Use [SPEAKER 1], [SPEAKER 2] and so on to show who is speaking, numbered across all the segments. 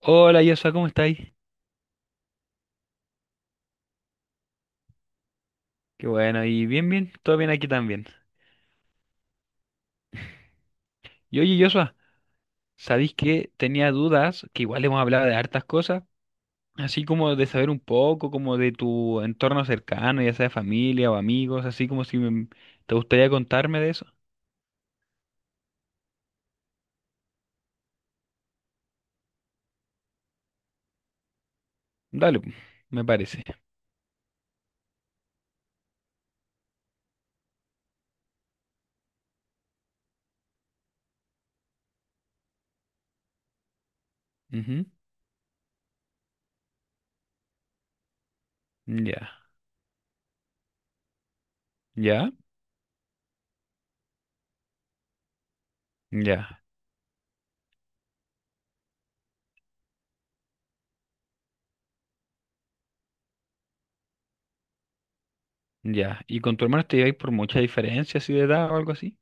[SPEAKER 1] Hola Joshua, ¿cómo estáis? Qué bueno, y bien, bien, todo bien aquí también. Y oye Joshua, ¿sabéis que tenía dudas, que igual hemos hablado de hartas cosas, así como de saber un poco, como de tu entorno cercano, ya sea familia o amigos, así como si me- te gustaría contarme de eso? Dale, pu, me parece. Ujú. Ya, ya, ya, ya. ¿Y con tu hermano te lleváis por mucha diferencia así de edad o algo así?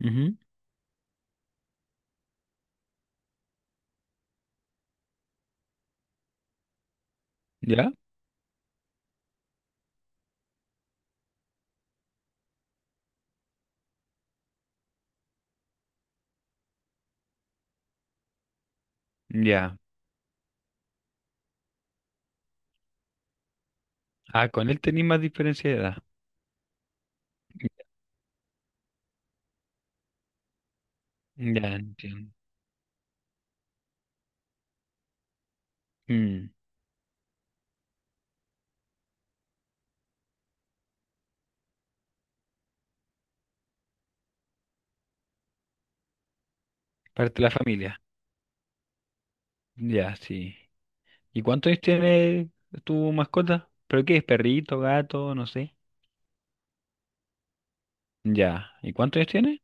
[SPEAKER 1] Ujú. Ya, ya. Ah, con él tenéis más diferencia de edad. Ya, entiendo. Mm. Parte de la familia. Ya, sí. ¿Y cuántos años tiene tu mascota? ¿Pero qué es? ¿Perrito, gato? No sé. Ya. ¿Y cuántos años tiene?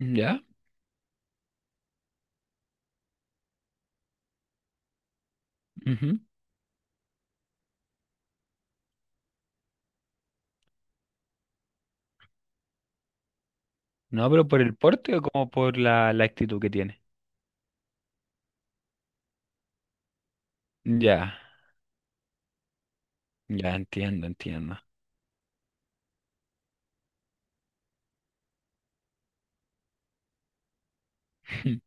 [SPEAKER 1] Ya. Ujú. No, pero por el porte o como por la actitud que tiene. Ya, ya entiendo, entiendo.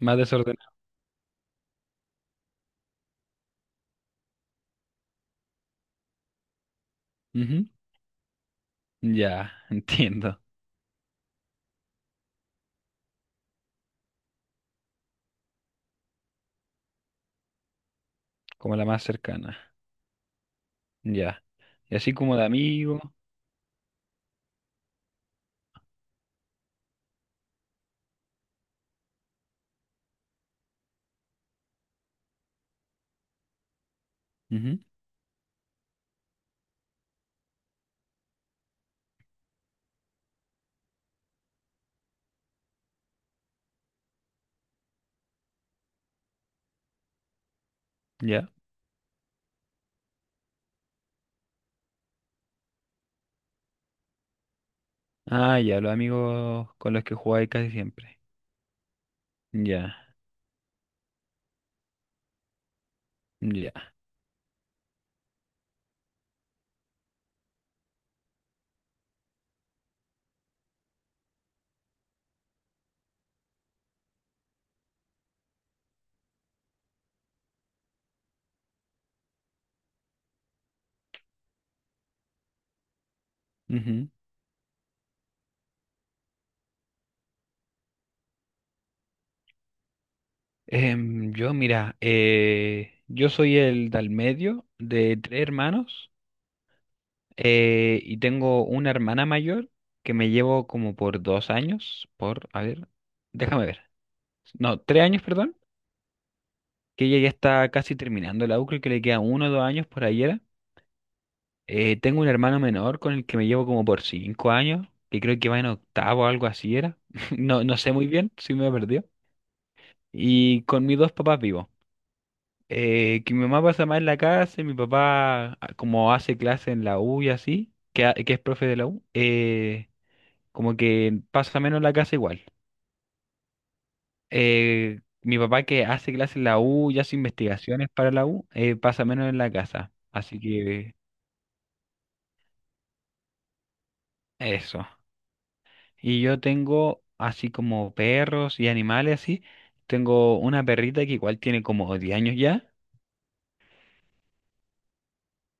[SPEAKER 1] Más desordenado. Ujú. Ya, entiendo. Como la más cercana. Ya. Y así como de amigo. Ujú. Ya. Ah, ya, los amigos con los que jugáis casi siempre. Ya, ya. Ujú. Yo, mira, yo soy el del medio de tres hermanos y tengo una hermana mayor que me llevo como por 2 años, por, a ver, déjame ver, no, 3 años, perdón, que ella ya está casi terminando la U, creo que le queda 1 o 2 años por ahí era. Tengo un hermano menor con el que me llevo como por 5 años, que creo que va en octavo o algo así era. No, no sé muy bien si me perdió. Y con mis dos papás vivo. Que mi mamá pasa más en la casa y mi papá, como hace clase en la U y así, que, que es profe de la U, como que pasa menos en la casa igual. Mi papá que hace clase en la U y hace investigaciones para la U, pasa menos en la casa. Así que eso. Y yo tengo así como perros y animales así. Tengo una perrita que igual tiene como 10 años ya.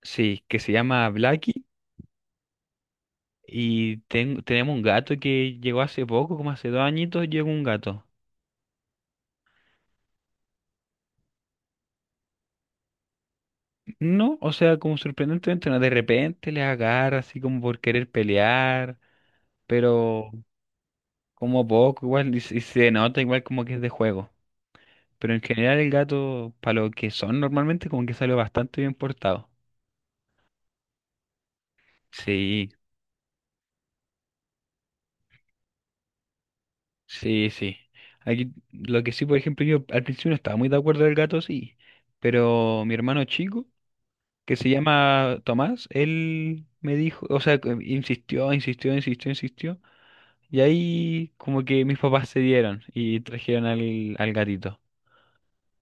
[SPEAKER 1] Sí, que se llama Blackie. Y tenemos un gato que llegó hace poco, como hace 2 añitos, llegó un gato. No, o sea, como sorprendentemente, no, de repente les agarra así como por querer pelear, pero como poco igual, y se nota igual como que es de juego. Pero en general el gato, para lo que son normalmente, como que salió bastante bien portado. Sí, sí, sí. Aquí, lo que sí, por ejemplo, yo al principio no estaba muy de acuerdo del gato, sí, pero mi hermano chico que se llama Tomás, él me dijo, o sea, que insistió, insistió, insistió, insistió. Y ahí como que mis papás se dieron y trajeron al gatito.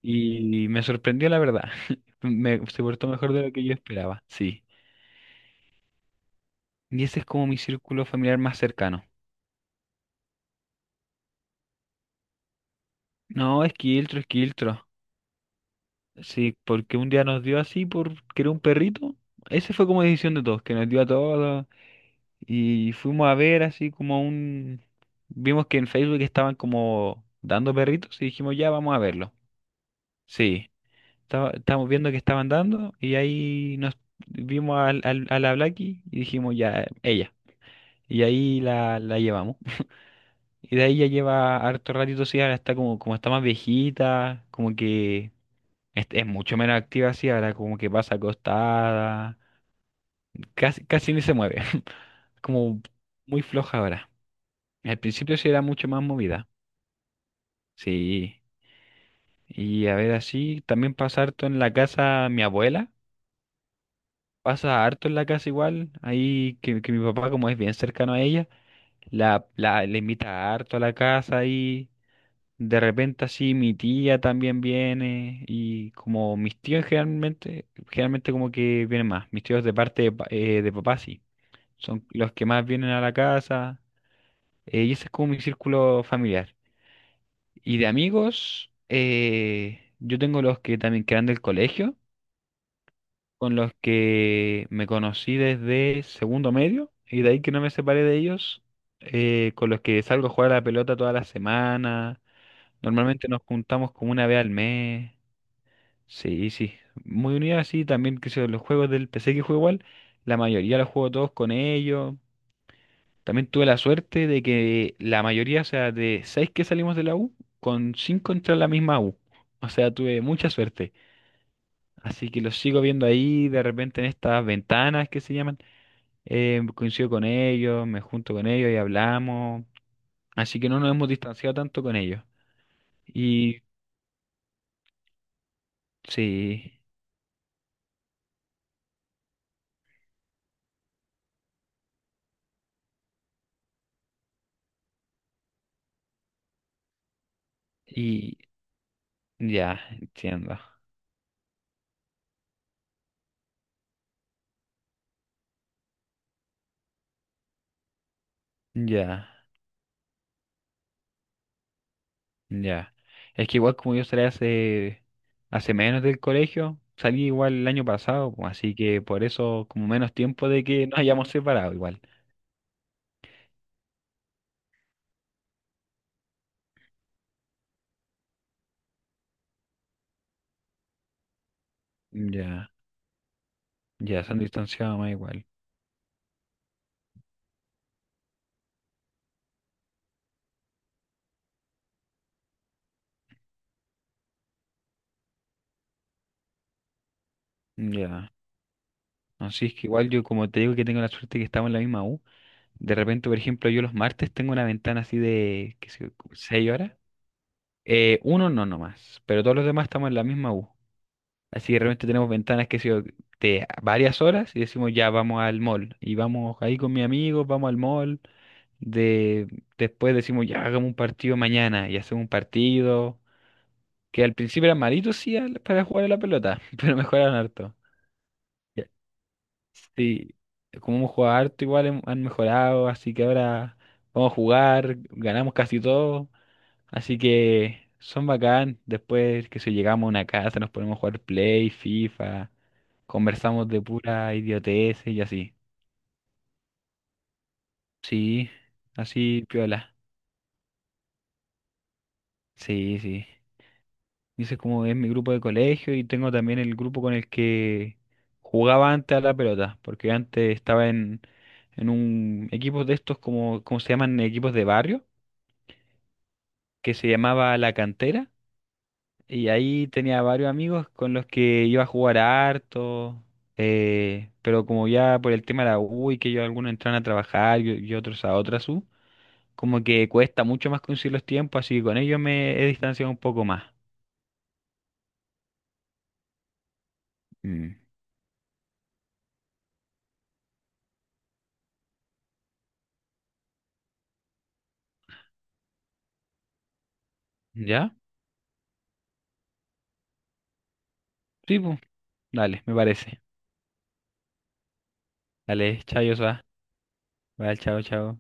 [SPEAKER 1] Y me sorprendió la verdad. Se portó mejor de lo que yo esperaba, sí. Y ese es como mi círculo familiar más cercano. No, esquiltro, esquiltro. Sí, porque un día nos dio así porque era un perrito. Ese fue como decisión de todos, que nos dio a todos. Y fuimos a ver así como un. Vimos que en Facebook estaban como dando perritos y dijimos, ya vamos a verlo. Sí, estábamos viendo que estaban dando y ahí nos vimos a la Blackie y dijimos, ya, ella. Y ahí la llevamos. Y de ahí ya lleva harto ratito, sí, ahora está como está más viejita, como que es mucho menos activa así, ahora como que pasa acostada, casi, casi ni se mueve, como muy floja ahora. Al principio sí era mucho más movida. Sí. Y a ver, así también pasa harto en la casa mi abuela. Pasa harto en la casa igual. Ahí que mi papá, como es bien cercano a ella, la invita harto a la casa y de repente así mi tía también viene. Y como mis tíos generalmente, generalmente como que vienen más. Mis tíos de parte de papá sí. Son los que más vienen a la casa. Y ese es como mi círculo familiar. Y de amigos, yo tengo los que también quedan del colegio, con los que me conocí desde segundo medio, y de ahí que no me separé de ellos, con los que salgo a jugar a la pelota toda la semana. Normalmente nos juntamos como una vez al mes. Sí, sí. Muy unidos así, también que sé, yo, los juegos del PC que juego igual, la mayoría los juego todos con ellos. También tuve la suerte de que la mayoría, o sea, de seis que salimos de la U, con cinco entré a la misma U. O sea, tuve mucha suerte. Así que los sigo viendo ahí, de repente en estas ventanas que se llaman. Coincido con ellos, me junto con ellos y hablamos. Así que no nos hemos distanciado tanto con ellos. Y sí, y ya, entiendo. Ya. Ya. Es que igual como yo salí hace menos del colegio, salí igual el año pasado, pues, así que por eso como menos tiempo de que nos hayamos separado igual. Ya, ya, se han distanciado más igual. Ya. Así es que igual yo como te digo que tengo la suerte que estamos en la misma U, de repente, por ejemplo, yo los martes tengo una ventana así de, qué sé yo, 6 horas. Uno no nomás, pero todos los demás estamos en la misma U. Así que realmente tenemos ventanas que sé yo, de varias horas y decimos ya vamos al mall. Y vamos ahí con mis amigos, vamos al mall. De, Después decimos ya hagamos un partido mañana y hacemos un partido. Que al principio eran malitos sí para jugar a la pelota, pero mejoraron harto. Ya. Sí, como hemos jugado harto igual han mejorado, así que ahora vamos a jugar, ganamos casi todo. Así que son bacán. Después que si llegamos a una casa, nos ponemos a jugar Play, FIFA, conversamos de pura idiotez y así. Sí, así piola. Sí, sí. Dice como es mi grupo de colegio y tengo también el grupo con el que jugaba antes a la pelota, porque antes estaba en un equipo de estos como se llaman equipos de barrio, que se llamaba La Cantera. Y ahí tenía varios amigos con los que iba a jugar harto, pero como ya por el tema de la U y que yo algunos entran a trabajar y otros a otras U, como que cuesta mucho más conseguir los tiempos, así que con ellos me he distanciado un poco más. Mm. ¿Ya? Sí, pues, dale, me parece. Dale, chao, Joshua. Vale, chao, chao.